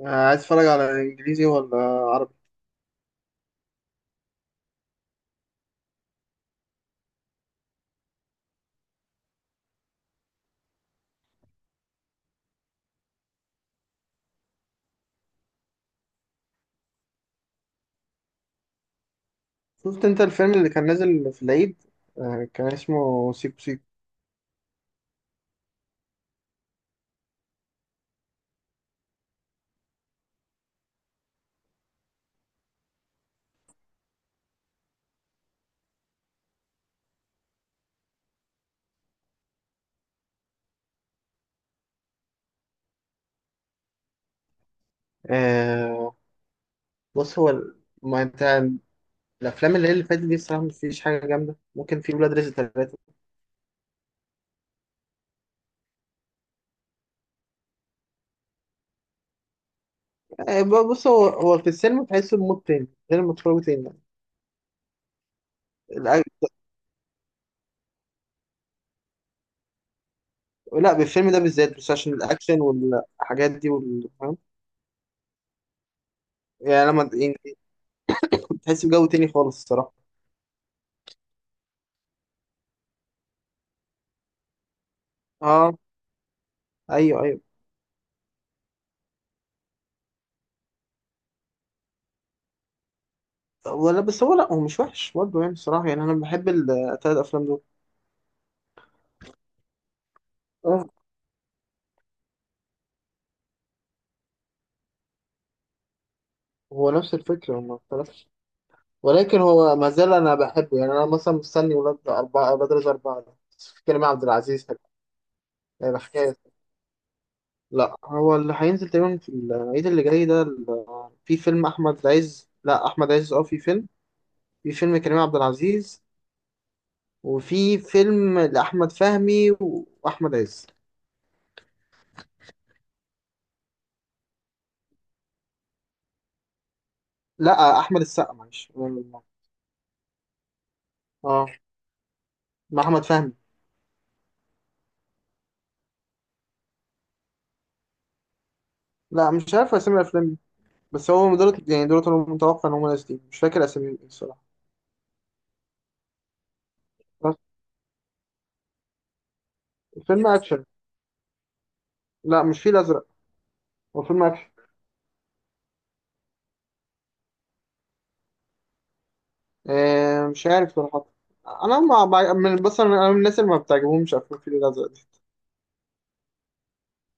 آه، عايز اتفرج على انجليزي ولا عربي؟ شفت انت الفيلم اللي كان نازل في العيد؟ آه، كان اسمه سيكو سيكو. آه، بص هو ما انت الافلام اللي هي اللي فاتت دي الصراحه، مفيش حاجه جامده، ممكن في ولاد رزق ثلاثه. آه، بص هو في السينما تحسه بمود تاني غير لما تتفرجوا تاني يعني. الأ- لا، بالفيلم ده بالذات بس عشان الاكشن والحاجات دي فاهم؟ يعني لما يعني تحس بجو تاني خالص الصراحه. اه، ايوه ايوه. ولا، بس هو لا، هو مش وحش برضه يعني الصراحه، يعني انا بحب الثلاث افلام دول. هو نفس الفكرة، هو ما اختلفش، ولكن هو ما زال أنا بحبه، يعني أنا مثلا مستني ولاد أربعة أولاد رزق أربعة ده، كريم عبد العزيز هيبقى حكاية. لا، هو اللي هينزل تقريبا في العيد اللي جاي ده في فيلم أحمد عز، لا، أحمد عز أه، في فيلم، في فيلم كريم عبد العزيز، وفي فيلم لأحمد فهمي وأحمد عز. لا، أحمد السقا معلش. أه، مع أحمد فهمي. لا، مش عارف أسامي الأفلام دي. بس هو دول يعني دول أنا متوقع إن هم نازلين، مش فاكر أساميهم إيه الصراحة. فيلم اكشن. لا، مش فيل ازرق، هو فيلم اكشن. آه، مش عارف صراحه. انا من بس انا من الناس اللي ما بتعجبهمش افلام الفيل الازرق دي،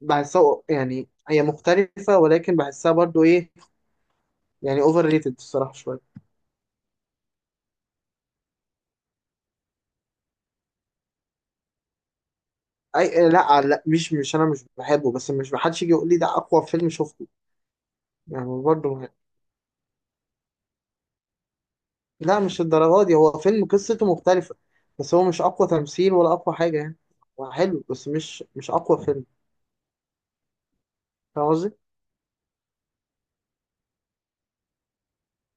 بحسها يعني هي مختلفه، ولكن بحسها برضو ايه، يعني اوفر ريتد الصراحه شويه. اي لا لا، مش انا مش بحبه، بس مش، محدش يجي يقول لي ده اقوى فيلم شفته يعني، برضو لا، مش الدرجه دي، هو فيلم قصته مختلفه، بس هو مش اقوى تمثيل ولا اقوى حاجه يعني، هو حلو بس مش اقوى فيلم، فاهم قصدي؟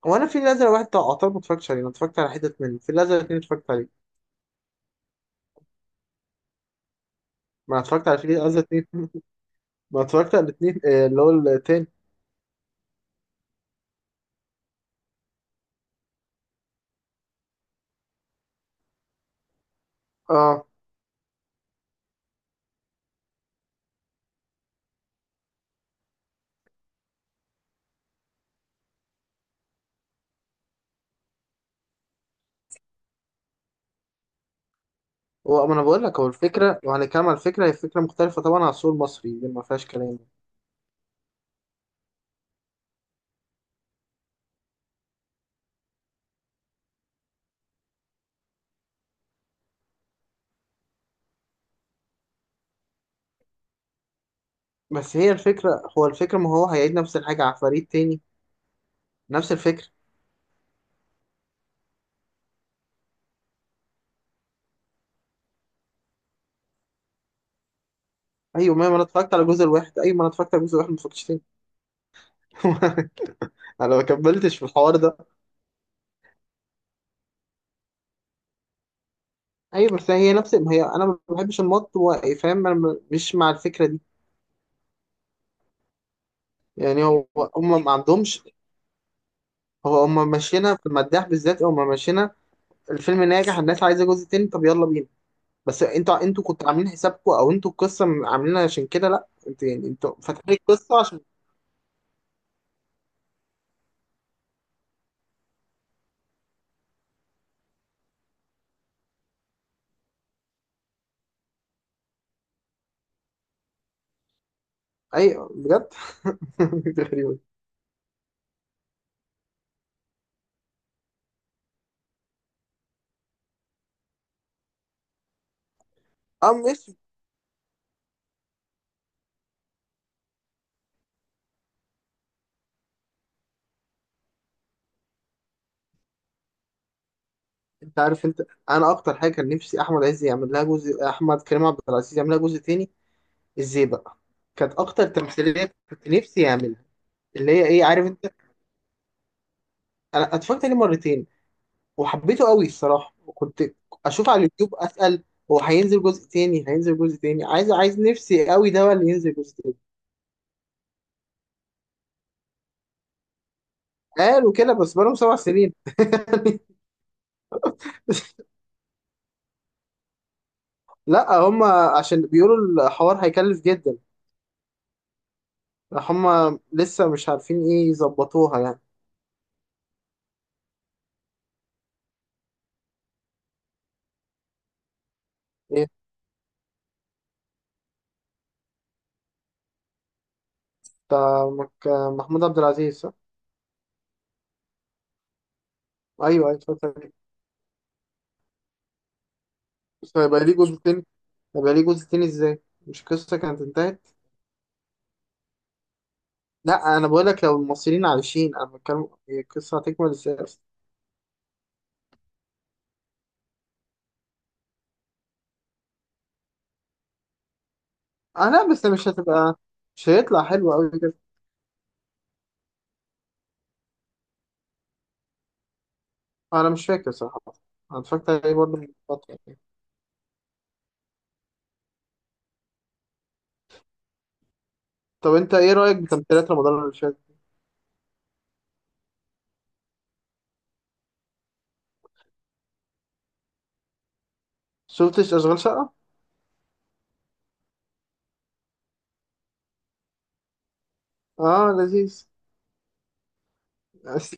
هو انا في الازرق واحد بتاع قطار ما اتفرجتش عليه، انا اتفرجت على حتت منه، في الازرق اتنين اتفرجت عليه. ما اتفرجت على في الازرق اتنين ما اتفرجت على الاتنين، آه، اللي هو التاني. اه. هو، ما انا بقول لك، هو الفكره، لو هنتكلم على الفكره، هي فكره مختلفه طبعا عن السوق المصري، دي ما فيهاش كلام. بس هي الفكره، هو الفكره، ما هو هيعيد نفس الحاجه على فريق تاني، نفس الفكره. ايوه، ما انا اتفرجت على الجزء الواحد، ما اتفرجتش تاني انا ما كملتش في الحوار ده. ايوه، بس هي نفس، ما هي انا ما بحبش المط فاهم، انا مش مع الفكره دي، يعني هو، هم ما عندهمش. هو هما ماشيينها في المداح بالذات، هما ماشيينها، الفيلم ناجح، الناس عايزه جزء تاني، طب يلا بينا. بس، انتوا كنتوا عاملين حسابكم، او انتوا القصه عاملينها عشان كده، لا، انتوا يعني انتوا فاتحين القصه عشان، ايوه بجد غريبة. اه، ماشي. انت عارف انت، انا اكتر حاجه كان نفسي احمد عز يعمل لها جزء، كريم عبد العزيز يعمل لها جزء تاني، ازاي بقى؟ كانت اكتر تمثيليه كنت نفسي يعملها، اللي هي ايه، عارف انت، انا اتفرجت عليه مرتين وحبيته قوي الصراحه، وكنت اشوف على اليوتيوب اسال، هو هينزل جزء تاني؟ هينزل جزء تاني، عايز نفسي قوي ده هو اللي ينزل جزء تاني. قالوا كده بس بقالهم 7 سنين يعني. لا هم، عشان بيقولوا الحوار هيكلف جدا، هم لسه مش عارفين ايه، يظبطوها يعني. ايه، بتاع محمود عبد العزيز صح؟ ايوه ايوه، اتفرجت عليه. بس هيبقى ليه جزء تاني؟ هيبقى ليه جزء تاني ازاي؟ مش قصة كانت انتهت. لا، انا بقول لك لو المصريين عايشين، انا بتكلم القصة هتكمل ازاي. آه لا، بس مش هتبقى، مش هيطلع حلو أوي كده. أنا مش فاكر صراحة، أنا اتفرجت عليه برضه من فترة يعني. طب أنت إيه رأيك بتمثيلات رمضان اللي فات؟ شفتش أشغال شقة؟ آه لذيذ، بس-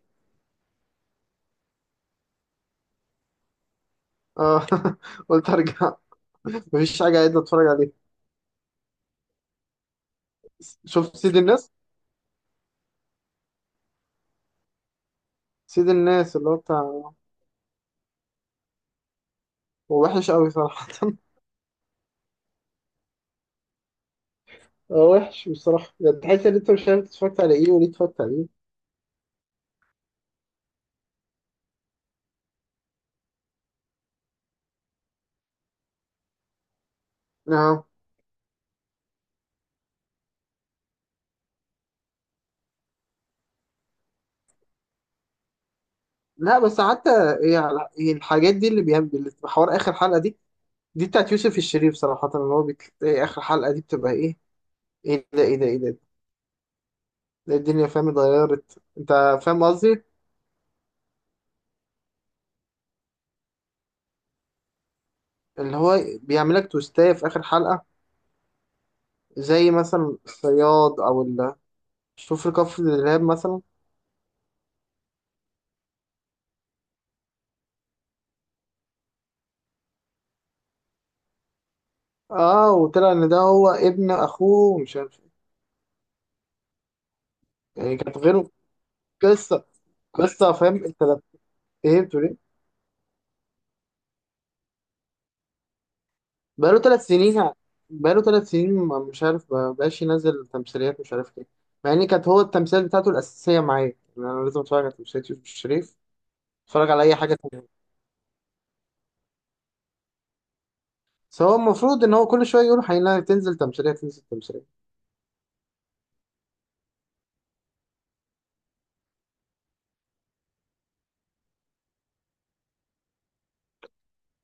آه قلت أرجع، مفيش حاجة عايز أتفرج عليها. شفت سيد الناس؟ سيد الناس اللي هو بتاع، هو وحش أوي صراحة هو وحش بصراحة، يعني تحس إن أنت مش عارف اتفرجت على إيه وليه اتفرجت عليه. آه لا بس حتى، هي هي الحاجات دي اللي بيعمل حوار آخر حلقة دي، دي بتاعت يوسف الشريف صراحة، اللي هو بتلاقي آخر حلقة دي بتبقى إيه، إيه ده، إيه ده، إيه ده، ده الدنيا فاهم اتغيرت أنت، فاهم قصدي؟ اللي هو بيعملك توستاية في آخر حلقة، زي مثلا الصياد أو شوف الكفر الإرهاب مثلا. آه، وطلع إن ده هو ابن أخوه ومش عارف إيه. يعني كانت غير، قصة قصة، فاهم أنت، لو فهمت. بقاله 3 سنين يعني. بقاله 3 سنين مش عارف، ما بقاش ينزل تمثيليات، مش عارف ايه، مع ان كانت هو التمثيل بتاعته الاساسيه معايا، يعني انا لازم اتفرج على تمثيليات يوسف الشريف، اتفرج على اي حاجه تانية. بس هو المفروض ان هو كل شويه يقول هينزل، تنزل تمثيليه تنزل تمثيليه.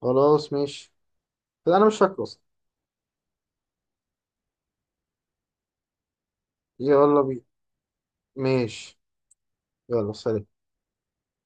خلاص ماشي، انا مش فاكره اصلا. يلا بينا. ماشي، يلا سلام.